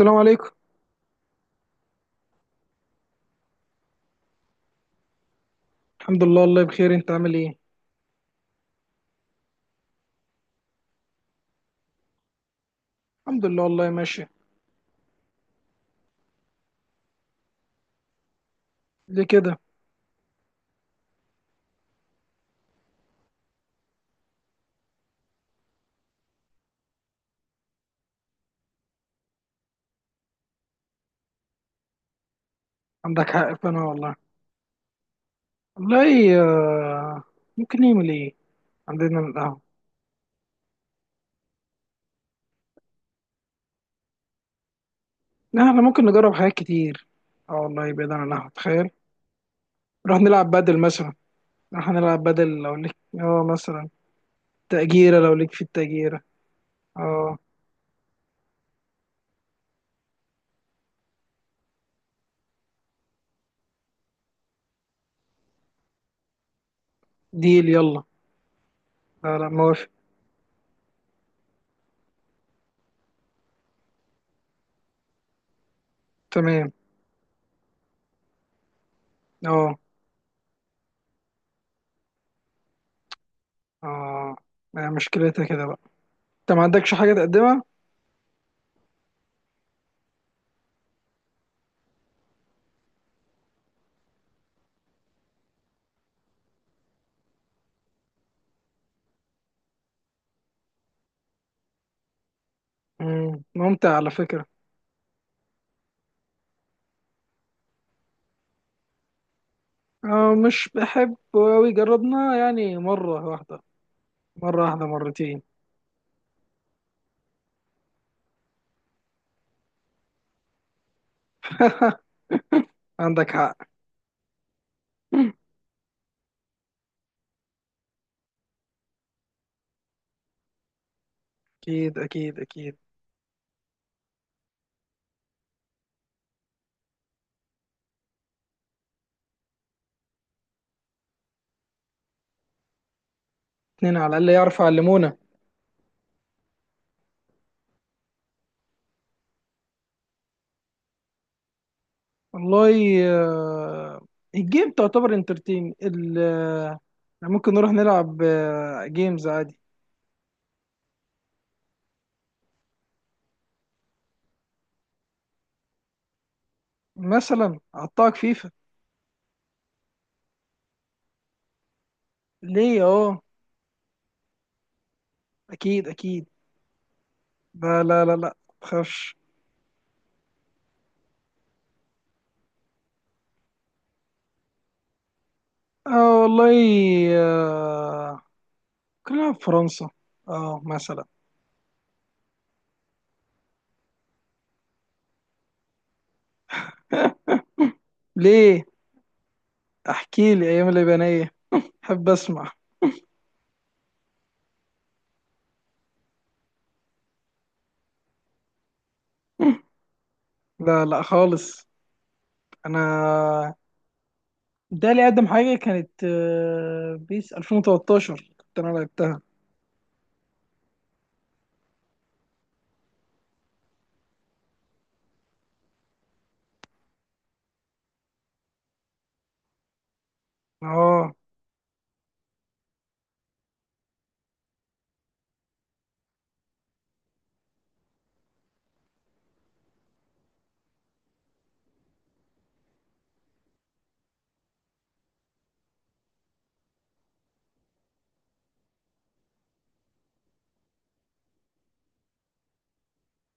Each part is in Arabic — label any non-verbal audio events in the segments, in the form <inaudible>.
السلام عليكم. الحمد لله والله بخير، انت عامل ايه؟ الحمد لله والله ماشي. ليه كده؟ عندك حق، فانا والله، والله، آه، ممكن نعمل ايه؟ عندنا القهوة. لا، احنا ممكن نجرب حاجات كتير. اه والله، بعيد عن القهوة تخيل. نروح نلعب بدل مثلا. نروح نلعب بدل، لو ليك اه مثلا. تأجيرة، لو ليك في التأجيرة. اه. ديل يلا. لا لا، موافق. تمام. اه. اه، ما هي مشكلتها كده بقى؟ انت ما عندكش حاجة تقدمها؟ ممتع على فكرة. مش بحبه أوي، جربنا يعني مرة واحدة. مرة واحدة، مرتين. <laughs> عندك حق. أكيد أكيد أكيد. اتنين على الأقل يعرفوا يعلمونا. والله. آه، الجيم تعتبر انترتين يعني ممكن نروح نلعب جيمز عادي. مثلا أعطاك فيفا. ليه؟ اه. أكيد أكيد. لا لا لا لا، متخافش. اه والله. آه، كنا نلعب فرنسا. اه مثلا. ليه؟ احكي لي ايام اليابانية. حب اسمع. لا لا خالص. انا، ده اللي اقدم حاجه كانت بيس 2013 كنت انا لعبتها. اه.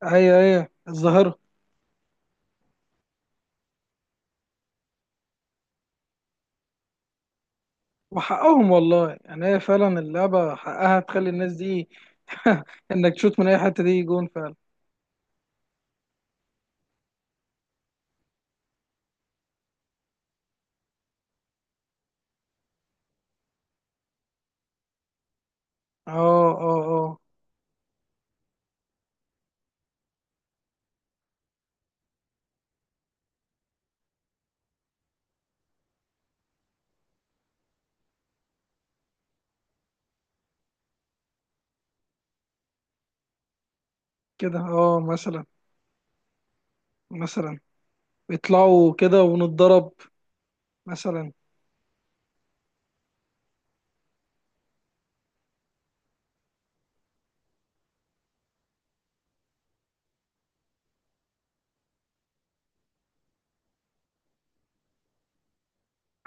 هي هي الظاهره. وحقهم والله، يعني هي فعلا اللعبه حقها تخلي الناس دي، <laughs> انك تشوت من اي حته دي جون فعلا. اه اه اه. كده اه مثلا. مثلا يطلعوا كده ونتضرب. مثلا.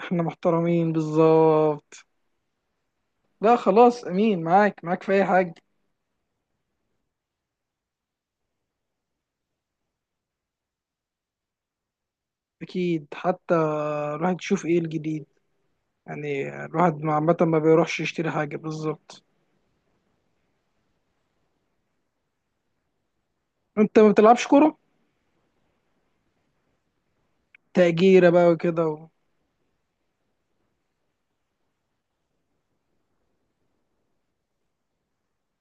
احنا محترمين بالظبط. لا خلاص، امين معاك معاك في اي حاجه. أكيد حتى الواحد يشوف إيه الجديد، يعني الواحد عامة ما بيروحش يشتري حاجة بالظبط. أنت ما بتلعبش كورة؟ تأجيرة بقى وكده.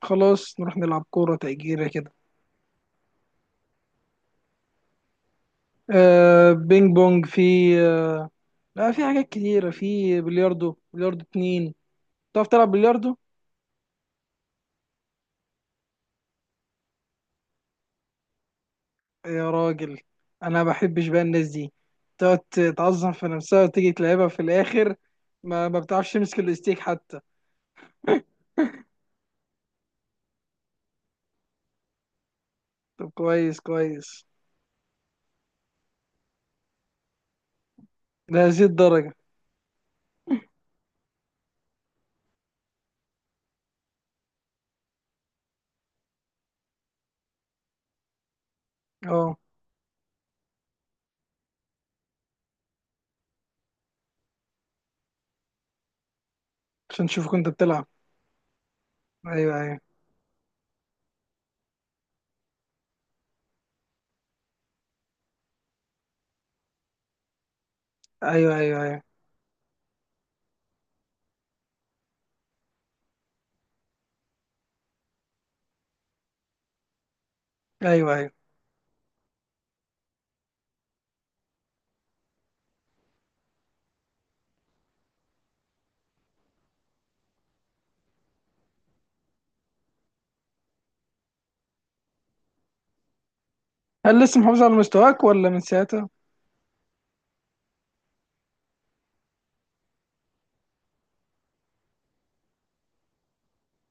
خلاص نروح نلعب كورة تأجيرة كده. بينج بونج في، آه لا، في حاجات كتيرة، في بلياردو. بلياردو اتنين. تعرف تلعب بلياردو؟ يا راجل. أنا ما بحبش بقى الناس دي تقعد تعظم في نفسها وتيجي تلعبها في الآخر. ما بتعرفش تمسك الاستيك حتى. طب كويس كويس. لهذه الدرجة؟ اه، عشان نشوفك انت بتلعب. ايوه ايوه ايوه. ايوه ايوه ايوه ايوه. هل لسه محافظ على مستواك ولا من ساعتها؟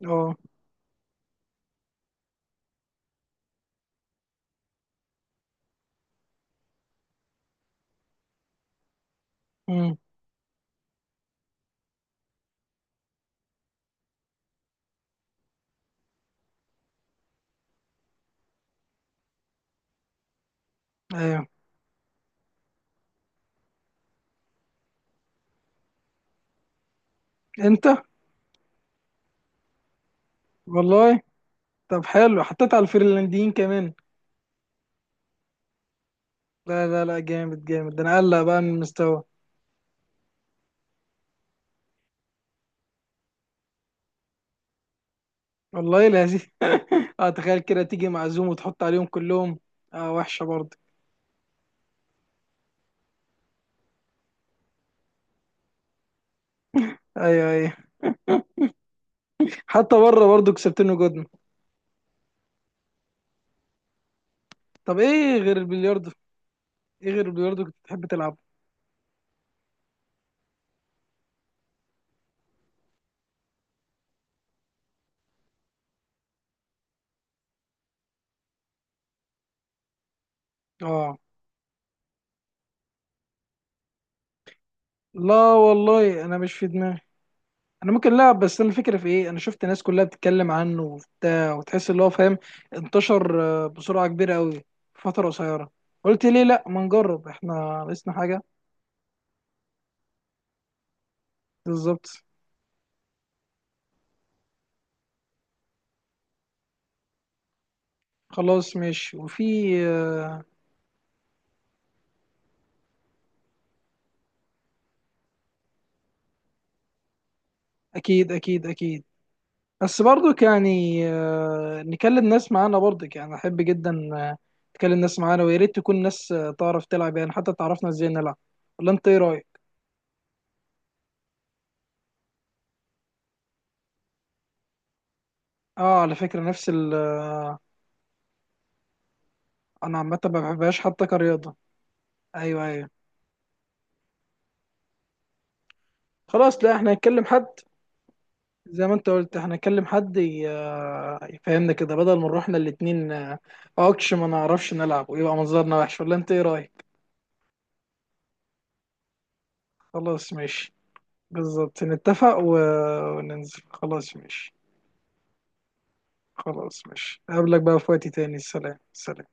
اه. امم ايوه، انت، والله. طب حلو، حطيت على الفنلنديين كمان. لا لا لا، جامد جامد. ده انا قلق بقى من المستوى. والله لذيذ. <laughs> اه تخيل كده، تيجي معزوم وتحط عليهم كلهم. اه وحشه برضه. ايوه ايوه. حتى بره برضه كسبتني جدن. طب ايه غير البلياردو؟ ايه غير البلياردو كنت بتحب تلعب؟ اه. لا والله انا مش في دماغي. انا ممكن، لا بس انا الفكره في ايه، انا شفت ناس كلها بتتكلم عنه وبتاع وتحس اللي هو فاهم. انتشر بسرعه كبيره قوي في فتره قصيره. قلت ليه لا ما نجرب احنا؟ ناقصنا حاجه. بالظبط. خلاص ماشي. وفي آه، اكيد اكيد اكيد. بس برضك يعني نكلم ناس معانا. برضك يعني احب جدا تكلم ناس معانا. ويا ريت تكون ناس تعرف تلعب يعني، حتى تعرفنا ازاي نلعب. ولا انت ايه رايك؟ اه على فكره نفس ال آه، انا عامه ما بحبهاش حتى كرياضه. ايوه ايوه. خلاص، لا احنا هنكلم حد. زي ما انت قلت احنا هنكلم حد يفهمنا كده، بدل ما نروح احنا الاتنين اوكش، ما نعرفش نلعب ويبقى منظرنا وحش. ولا انت ايه رايك؟ خلاص ماشي. بالظبط نتفق وننزل. خلاص ماشي. خلاص ماشي، اقابلك بقى في وقت تاني. سلام سلام.